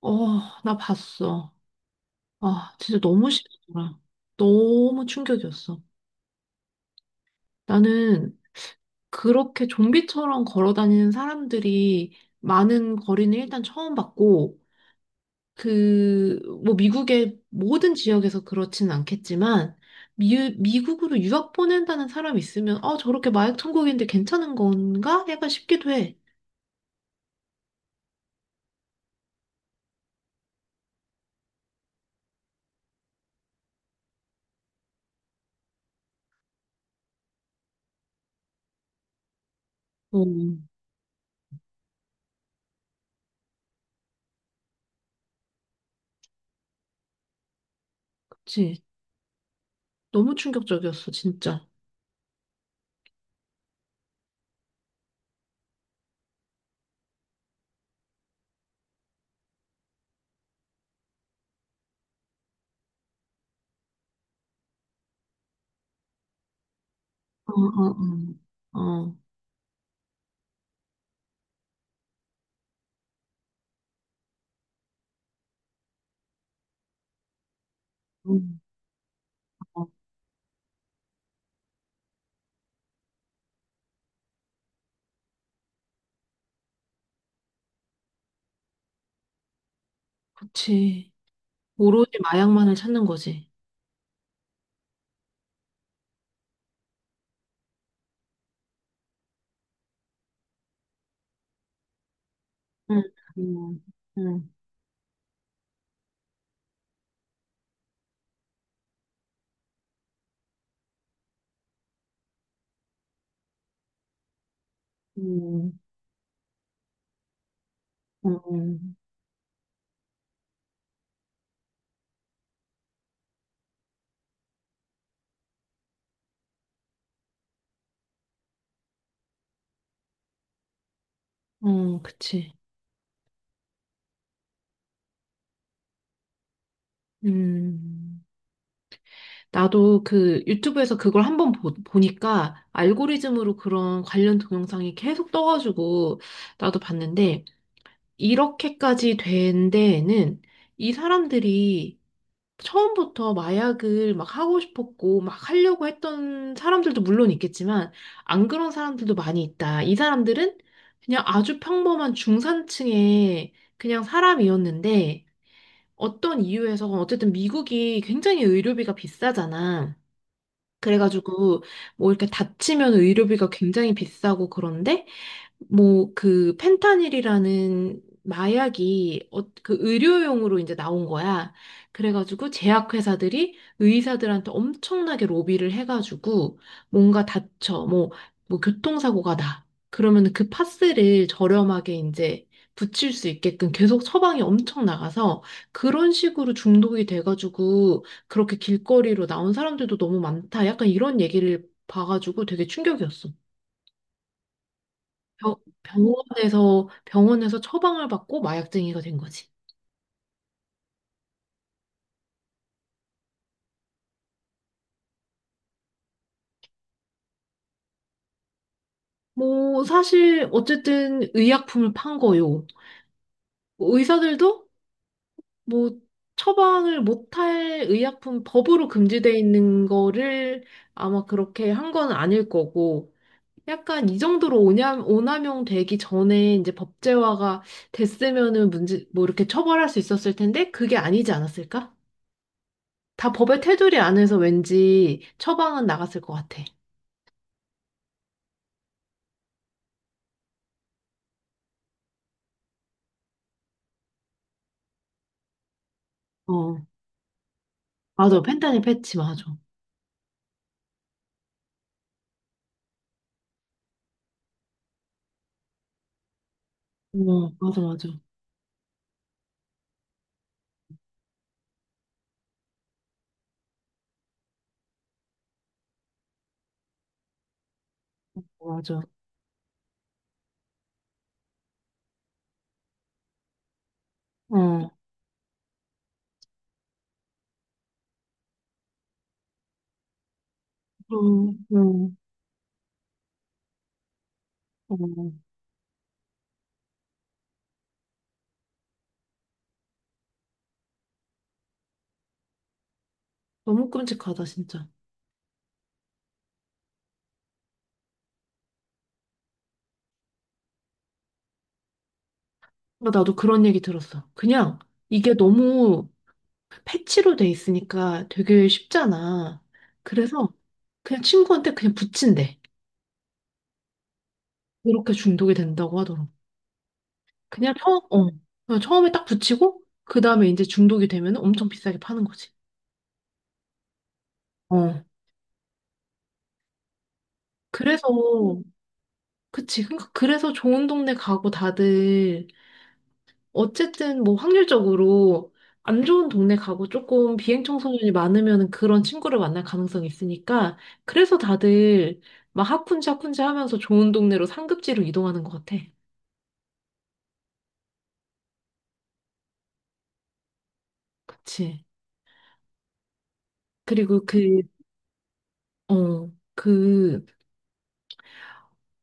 어, 나 봤어. 아, 진짜 너무 싫더라. 너무 충격이었어. 나는 그렇게 좀비처럼 걸어 다니는 사람들이 많은 거리는 일단 처음 봤고, 그, 뭐 미국의 모든 지역에서 그렇지는 않겠지만, 미국으로 유학 보낸다는 사람이 있으면, 아, 저렇게 마약 천국인데 괜찮은 건가? 약간 싶기도 해. 어, 그치. 너무 충격적이었어, 진짜. 어, 어, 어. 어. 음. 어. 그치. 오로지 마약만을 찾는 거지. 응. 응. 응. 응. 응. 응. 그치. 음. 나도 그 유튜브에서 그걸 한번 보니까 알고리즘으로 그런 관련 동영상이 계속 떠가지고 나도 봤는데 이렇게까지 된 데에는 이 사람들이 처음부터 마약을 막 하고 싶었고 막 하려고 했던 사람들도 물론 있겠지만 안 그런 사람들도 많이 있다. 이 사람들은 그냥 아주 평범한 중산층의 그냥 사람이었는데 어떤 이유에서 어쨌든 미국이 굉장히 의료비가 비싸잖아. 그래가지고 뭐 이렇게 다치면 의료비가 굉장히 비싸고 그런데 뭐 그 펜타닐이라는 마약이 어, 그 의료용으로 이제 나온 거야. 그래가지고 제약회사들이 의사들한테 엄청나게 로비를 해가지고 뭔가 다쳐 뭐 뭐 교통사고가 나. 그러면 그 파스를 저렴하게 이제 붙일 수 있게끔 계속 처방이 엄청 나가서 그런 식으로 중독이 돼가지고 그렇게 길거리로 나온 사람들도 너무 많다. 약간 이런 얘기를 봐가지고 되게 충격이었어. 병- 병원에서 처방을 받고 마약쟁이가 된 거지. 뭐 사실 어쨌든 의약품을 판 거요. 의사들도 뭐 처방을 못할 의약품 법으로 금지돼 있는 거를 아마 그렇게 한 건 아닐 거고. 약간 이 정도로 오남용 되기 전에 이제 법제화가 됐으면은 문제, 뭐 이렇게 처벌할 수 있었을 텐데 그게 아니지 않았을까? 다 법의 테두리 안에서 왠지 처방은 나갔을 것 같아. 어. 맞아. 펜타닐 패치, 맞아. 어, 맞아, 맞아. 맞아. 어, 어, 어, 어. 너무 끔찍하다, 진짜. 그러니까 나도 그런 얘기 들었어. 그냥 이게 너무 패치로 돼 있으니까 되게 쉽잖아. 그래서 그냥 친구한테 그냥 붙인대. 이렇게 중독이 된다고 하더라고. 그냥 처음, 어. 그냥 처음에 딱 붙이고, 그 다음에 이제 중독이 되면 엄청 비싸게 파는 거지. 어. 그래서, 그치. 그러니까 그래서 좋은 동네 가고 다들 어쨌든 뭐 확률적으로 안 좋은 동네 가고 조금 비행 청소년이 많으면 그런 친구를 만날 가능성이 있으니까 그래서 다들 막 하쿤지 하쿤지 하면서 좋은 동네로 상급지로 이동하는 것 같아. 그치. 그리고 그, 어, 그,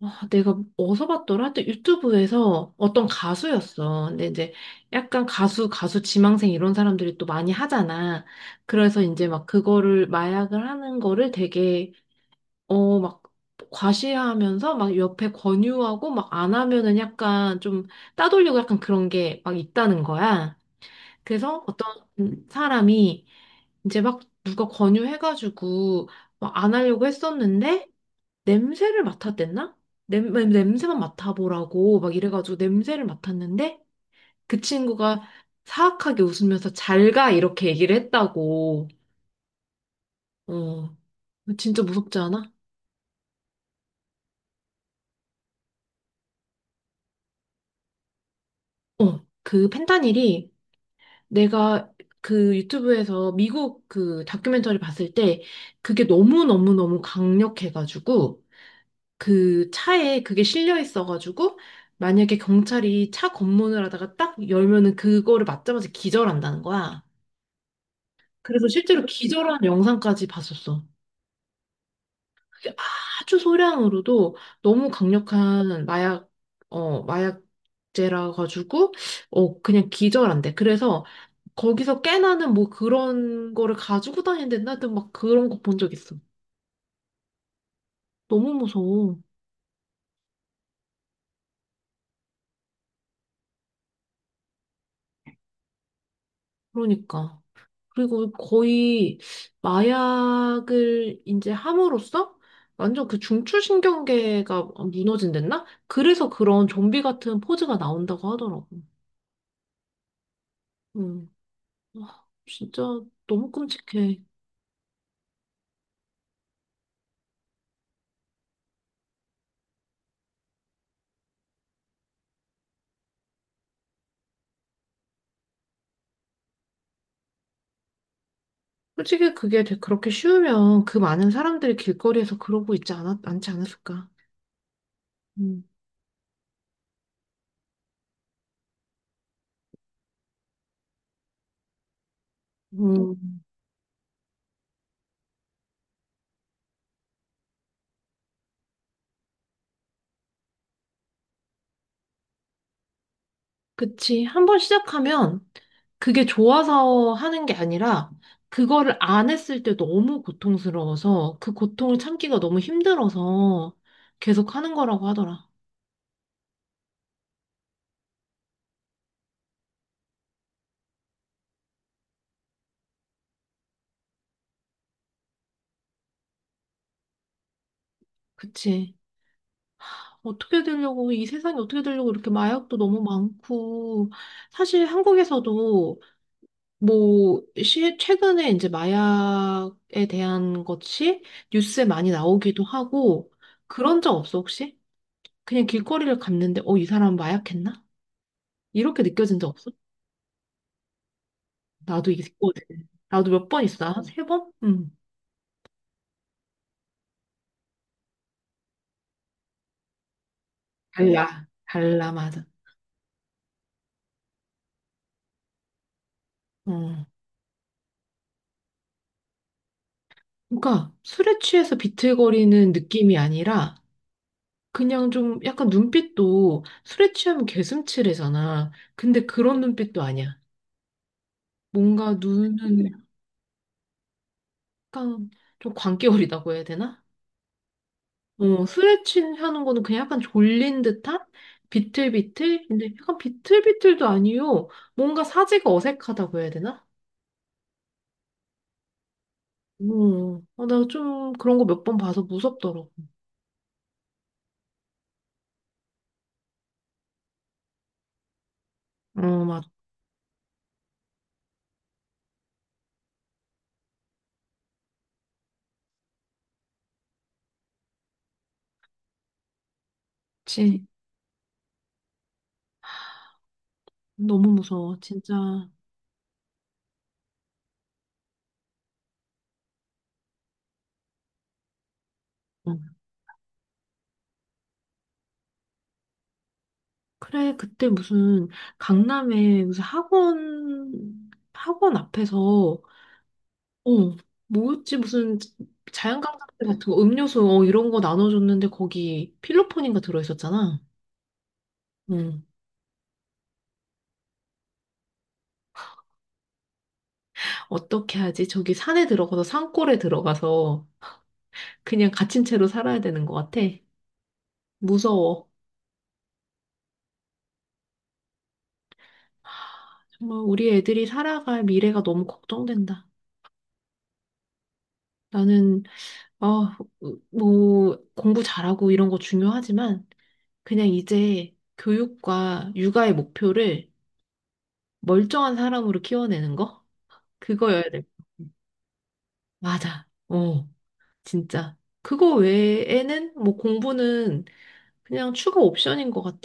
아, 내가 어디서 봤더라? 하여튼 유튜브에서 어떤 가수였어. 근데 이제 약간 가수, 가수 지망생 이런 사람들이 또 많이 하잖아. 그래서 이제 막 그거를 마약을 하는 거를 되게 어, 막 과시하면서 막 옆에 권유하고 막 안 하면은 약간 좀 따돌리고 약간 그런 게 막 있다는 거야. 그래서 어떤 사람이 이제 막 누가 권유해가지고 막 안 하려고 했었는데 냄새를 맡았댔나? 냄새만 맡아보라고 막 이래가지고 냄새를 맡았는데 그 친구가 사악하게 웃으면서 잘가 이렇게 얘기를 했다고. 어, 진짜 무섭지 않아? 어, 그 펜타닐이 내가 그 유튜브에서 미국 그 다큐멘터리 봤을 때 그게 너무너무너무 강력해가지고 그 차에 그게 실려 있어가지고 만약에 경찰이 차 검문을 하다가 딱 열면은 그거를 맞자마자 기절한다는 거야. 그래서 실제로 기절한 영상까지 봤었어. 그게 아주 소량으로도 너무 강력한 마약, 어, 마약제라 가지고, 어, 그냥 기절한대. 그래서 거기서 깨나는 뭐 그런 거를 가지고 다니는데 나도 막 그런 거 본 적 있어. 너무 무서워. 그러니까. 그리고 거의 마약을 이제 함으로써 완전 그 중추신경계가 무너진댔나? 그래서 그런 좀비 같은 포즈가 나온다고 하더라고. 음. 와, 진짜 너무 끔찍해. 솔직히 그게 그렇게 쉬우면 그 많은 사람들이 길거리에서 그러고 있지 않지 않았을까? 음. 음. 그치. 한번 시작하면 그게 좋아서 하는 게 아니라 그거를 안 했을 때 너무 고통스러워서 그 고통을 참기가 너무 힘들어서 계속 하는 거라고 하더라. 그치. 어떻게 되려고, 이 세상이 어떻게 되려고 이렇게 마약도 너무 많고, 사실 한국에서도 뭐, 시, 최근에 이제 마약에 대한 것이 뉴스에 많이 나오기도 하고, 그런 적 없어, 혹시? 그냥 길거리를 갔는데, 어, 이 사람 마약했나? 이렇게 느껴진 적 없어? 나도 이게 있거든. 나도 몇 번 있어. 한 세 번? 응. 달라. 달라, 맞아. 어. 그러니까 술에 취해서 비틀거리는 느낌이 아니라 그냥 좀 약간 눈빛도 술에 취하면 개슴츠레잖아. 근데 그런 눈빛도 아니야. 뭔가 눈은 약간 좀 광기어리다고 해야 되나? 어, 술에 취하는 거는 그냥 약간 졸린 듯한? 비틀비틀? 근데 약간 비틀비틀도 아니요. 뭔가 사지가 어색하다고 해야 되나? 어, 나 좀 그런 거 몇 번 봐서 무섭더라고. 어, 맞지. 너무 무서워, 진짜. 어. 그래, 그때 무슨 강남에 무슨 학원, 학원 앞에서, 어, 뭐였지? 무슨 자연강사제 같은 거, 음료수, 어, 이런 거 나눠줬는데 거기 필로폰인가 들어있었잖아. 응. 어떻게 하지? 저기 산에 들어가서, 산골에 들어가서 그냥 갇힌 채로 살아야 되는 것 같아. 무서워. 정말 우리 애들이 살아갈 미래가 너무 걱정된다. 나는, 아, 뭐, 공부 잘하고 이런 거 중요하지만, 그냥 이제 교육과 육아의 목표를 멀쩡한 사람으로 키워내는 거? 그거여야 될 것 같아. 맞아. 어, 진짜. 그거 외에는 뭐 공부는 그냥 추가 옵션인 것 같아.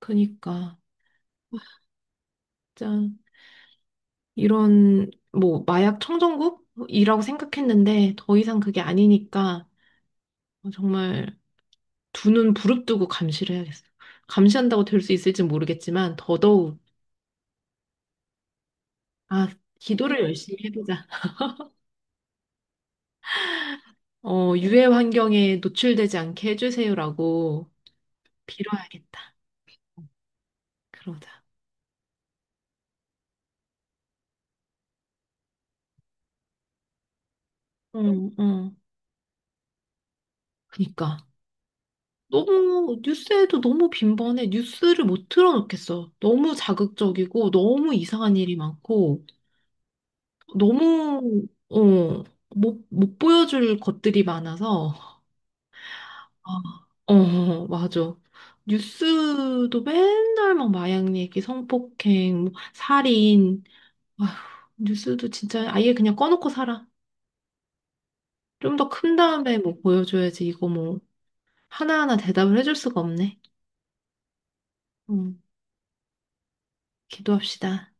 그니까, 짠. 이런, 뭐, 마약 청정국이라고 생각했는데, 더 이상 그게 아니니까, 정말 두 눈 부릅뜨고 감시를 해야겠어. 감시한다고 될 수 있을지 모르겠지만 더더욱 아, 기도를 열심히 해보자. 어, 유해 환경에 노출되지 않게 해주세요라고 빌어야겠다. 그러자. 응, 응. 그니까. 너무 뉴스에도 너무 빈번해. 뉴스를 못 틀어놓겠어. 너무 자극적이고 너무 이상한 일이 많고 너무 어, 못 보여줄 것들이 많아서 아, 어, 맞아. 뉴스도 맨날 막 마약 얘기, 성폭행, 뭐 살인. 아휴, 뉴스도 진짜 아예 그냥 꺼놓고 살아. 좀 더 큰 다음에 뭐 보여줘야지. 이거 뭐 하나하나 대답을 해줄 수가 없네. 음, 기도합시다.